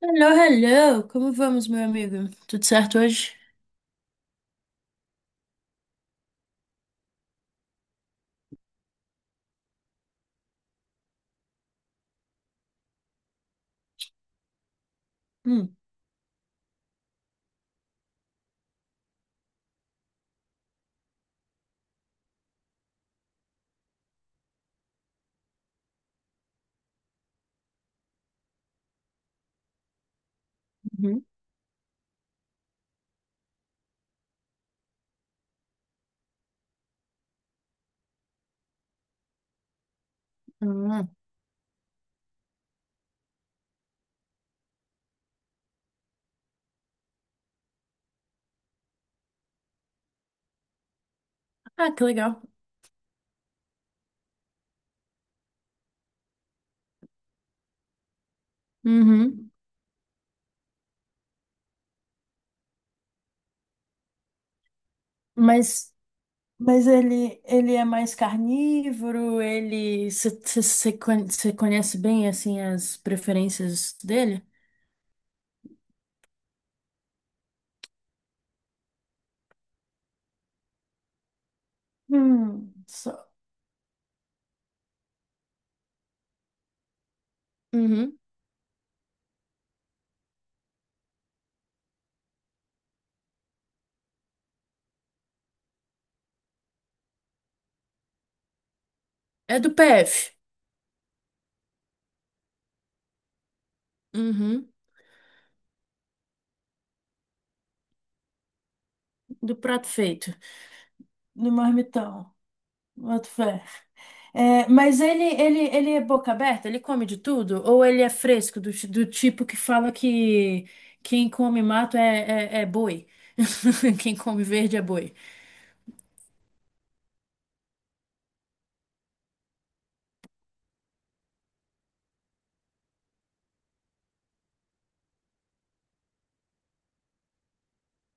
Hello, hello! Como vamos, meu amigo? Tudo certo hoje? Hum, uhum. Hum. Ah, que legal. Uhum. Mas, mas ele é mais carnívoro. Você conhece bem, assim, as preferências dele? Só. Uhum. É do PF. Uhum. Do prato feito. Do marmitão. Boto fé. É, mas ele é boca aberta? Ele come de tudo? Ou ele é fresco, do tipo que fala que quem come mato é boi? Quem come verde é boi.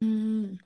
Hum.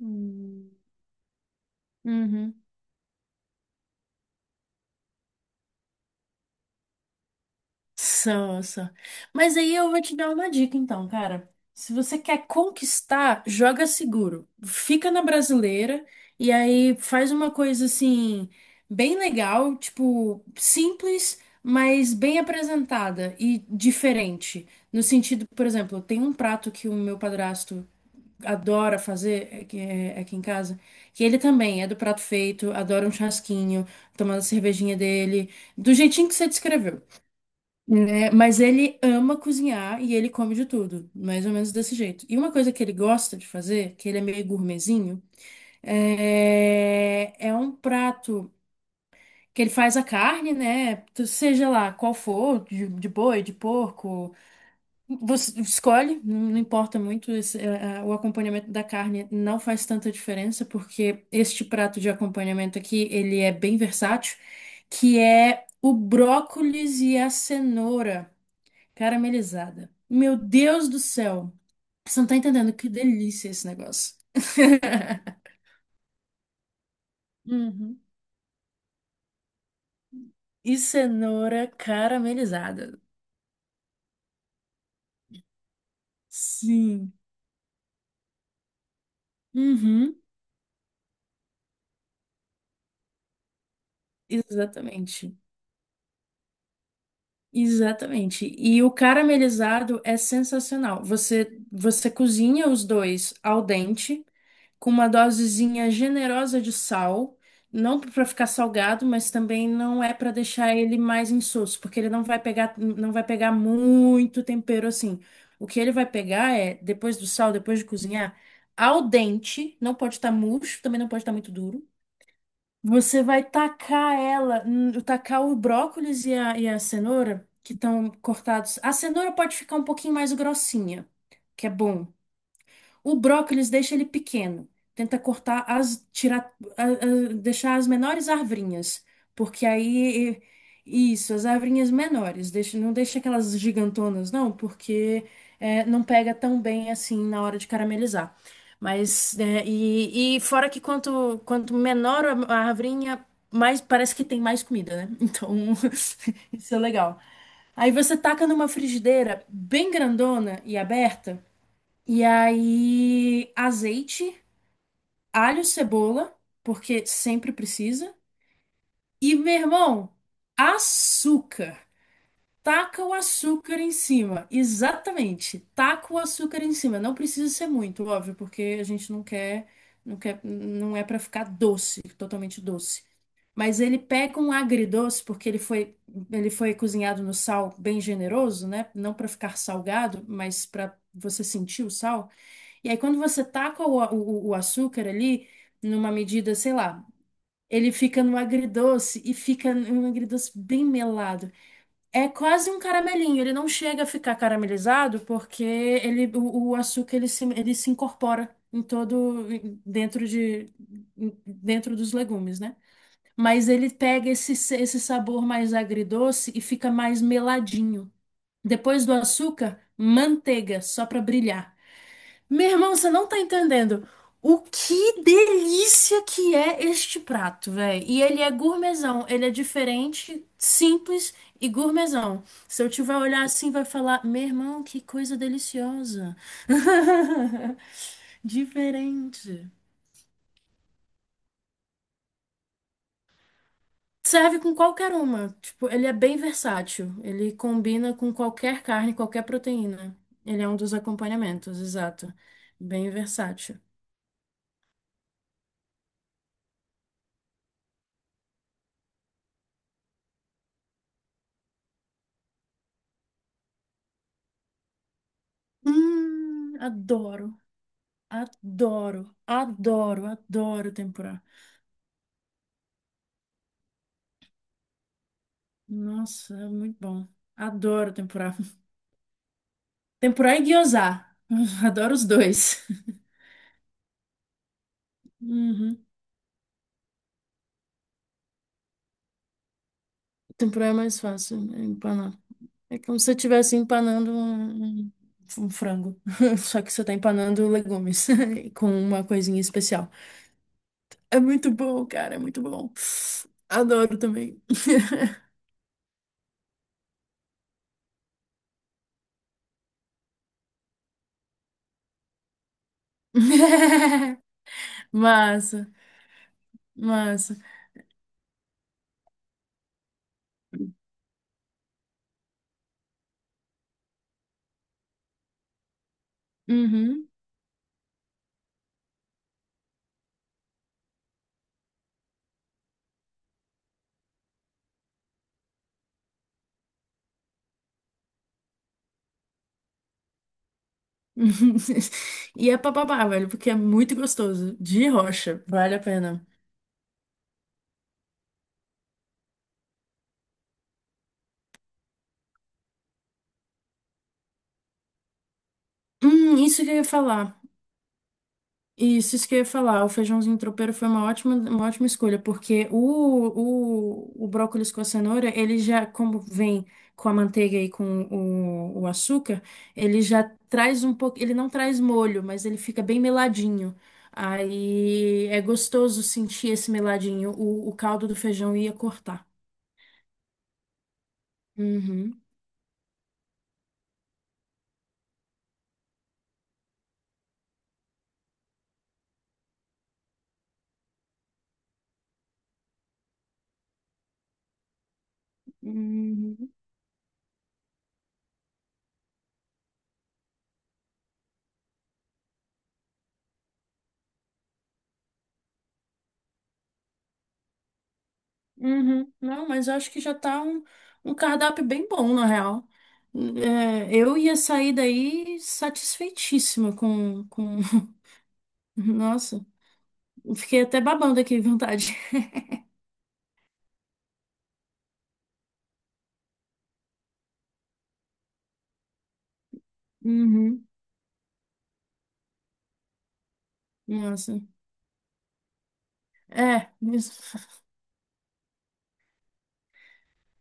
Hum. Uhum. São, são. Mas aí eu vou te dar uma dica, então, cara. Se você quer conquistar, joga seguro. Fica na brasileira e aí faz uma coisa assim, bem legal, tipo, simples, mas bem apresentada e diferente. No sentido, por exemplo, tem um prato que o meu padrasto adora fazer aqui, aqui em casa, que ele também é do prato feito, adora um chasquinho, tomando a cervejinha dele, do jeitinho que você descreveu, né? Mas ele ama cozinhar e ele come de tudo, mais ou menos desse jeito. E uma coisa que ele gosta de fazer, que ele é meio gourmetzinho, é um prato que ele faz a carne, né? Seja lá qual for, de boi, de porco, você escolhe, não importa muito. O acompanhamento da carne não faz tanta diferença, porque este prato de acompanhamento aqui, ele é bem versátil, que é o brócolis e a cenoura. Caramelizada. Meu Deus do céu. Você não tá entendendo que delícia esse negócio. Uhum. E cenoura caramelizada. Sim. Uhum. Exatamente. Exatamente. E o caramelizado é sensacional. Você cozinha os dois al dente, com uma dosezinha generosa de sal, não para ficar salgado, mas também não é para deixar ele mais insosso, porque ele não vai pegar muito tempero assim. O que ele vai pegar é, depois do sal, depois de cozinhar, al dente, não pode estar murcho, também não pode estar muito duro. Você vai tacar o brócolis e a cenoura, que estão cortados. A cenoura pode ficar um pouquinho mais grossinha, que é bom. O brócolis deixa ele pequeno. Tenta cortar as, tirar, a- deixar as menores arvrinhas, porque aí isso, as arvrinhas menores, não deixa aquelas gigantonas, não, porque não pega tão bem assim na hora de caramelizar. Mas e fora que quanto menor a arvrinha, mais parece que tem mais comida, né? Então isso é legal. Aí você taca numa frigideira bem grandona e aberta. E aí, azeite, alho, cebola, porque sempre precisa. E, meu irmão, açúcar. Taca o açúcar em cima. Exatamente. Taca o açúcar em cima. Não precisa ser muito, óbvio, porque a gente não quer, não é pra ficar doce, totalmente doce. Mas ele pega um agridoce, porque ele foi cozinhado no sal bem generoso, né? Não pra ficar salgado, mas pra você sentir o sal. E aí, quando você taca o açúcar ali, numa medida, sei lá, ele fica no agridoce e fica um agridoce bem melado. É quase um caramelinho, ele não chega a ficar caramelizado porque o açúcar ele se incorpora em todo, em- dentro de, em- dentro dos legumes, né? Mas ele pega esse sabor mais agridoce e fica mais meladinho. Depois do açúcar, manteiga, só para brilhar. Meu irmão, você não tá entendendo o que delícia que é este prato, velho. E ele é gourmetzão, ele é diferente, simples e gourmetzão. Se eu tiver olhar assim, vai falar: Meu irmão, que coisa deliciosa. Diferente. Serve com qualquer uma. Tipo, ele é bem versátil. Ele combina com qualquer carne, qualquer proteína. Ele é um dos acompanhamentos, exato. Bem versátil. Adoro. Adoro, adoro, adoro tempurá. Nossa, é muito bom. Adoro tempurá. Tempurá e gyoza. Adoro os dois. Uhum. Tempurá é mais fácil, é empanar. É como se você estivesse empanando um, um frango. Só que você tá empanando legumes com uma coisinha especial. É muito bom, cara, é muito bom. Adoro também. Massa, massa. Uhum. E é papabá, velho, porque é muito gostoso. De rocha, vale a pena. Isso que eu ia falar. Isso que eu ia falar. O feijãozinho tropeiro foi uma ótima escolha, porque o brócolis com a cenoura, ele já, como vem com a manteiga e com o açúcar, ele já traz um pouco. Ele não traz molho, mas ele fica bem meladinho. Aí é gostoso sentir esse meladinho. O caldo do feijão ia cortar. Uhum. Uhum. Uhum. Não, mas eu acho que já tá um cardápio bem bom, na real. É, eu ia sair daí satisfeitíssima Nossa, eu fiquei até babando aqui, vontade. Uhum. Nossa. É, isso.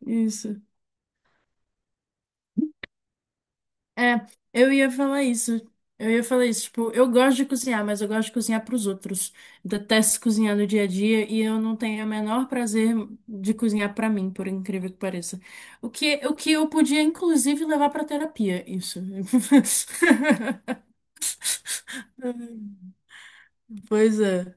Isso. É, eu ia falar isso. Eu ia falar isso. Tipo, eu gosto de cozinhar, mas eu gosto de cozinhar para os outros. Detesto cozinhar no dia a dia e eu não tenho o menor prazer de cozinhar para mim, por incrível que pareça. O que eu podia, inclusive, levar para terapia, isso. Pois é.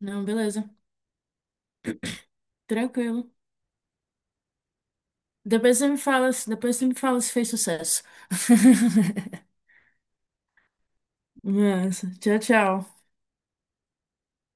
Não, beleza. Tranquilo. Depois você me fala, depois você me fala se fez sucesso. Nossa, tchau, tchau.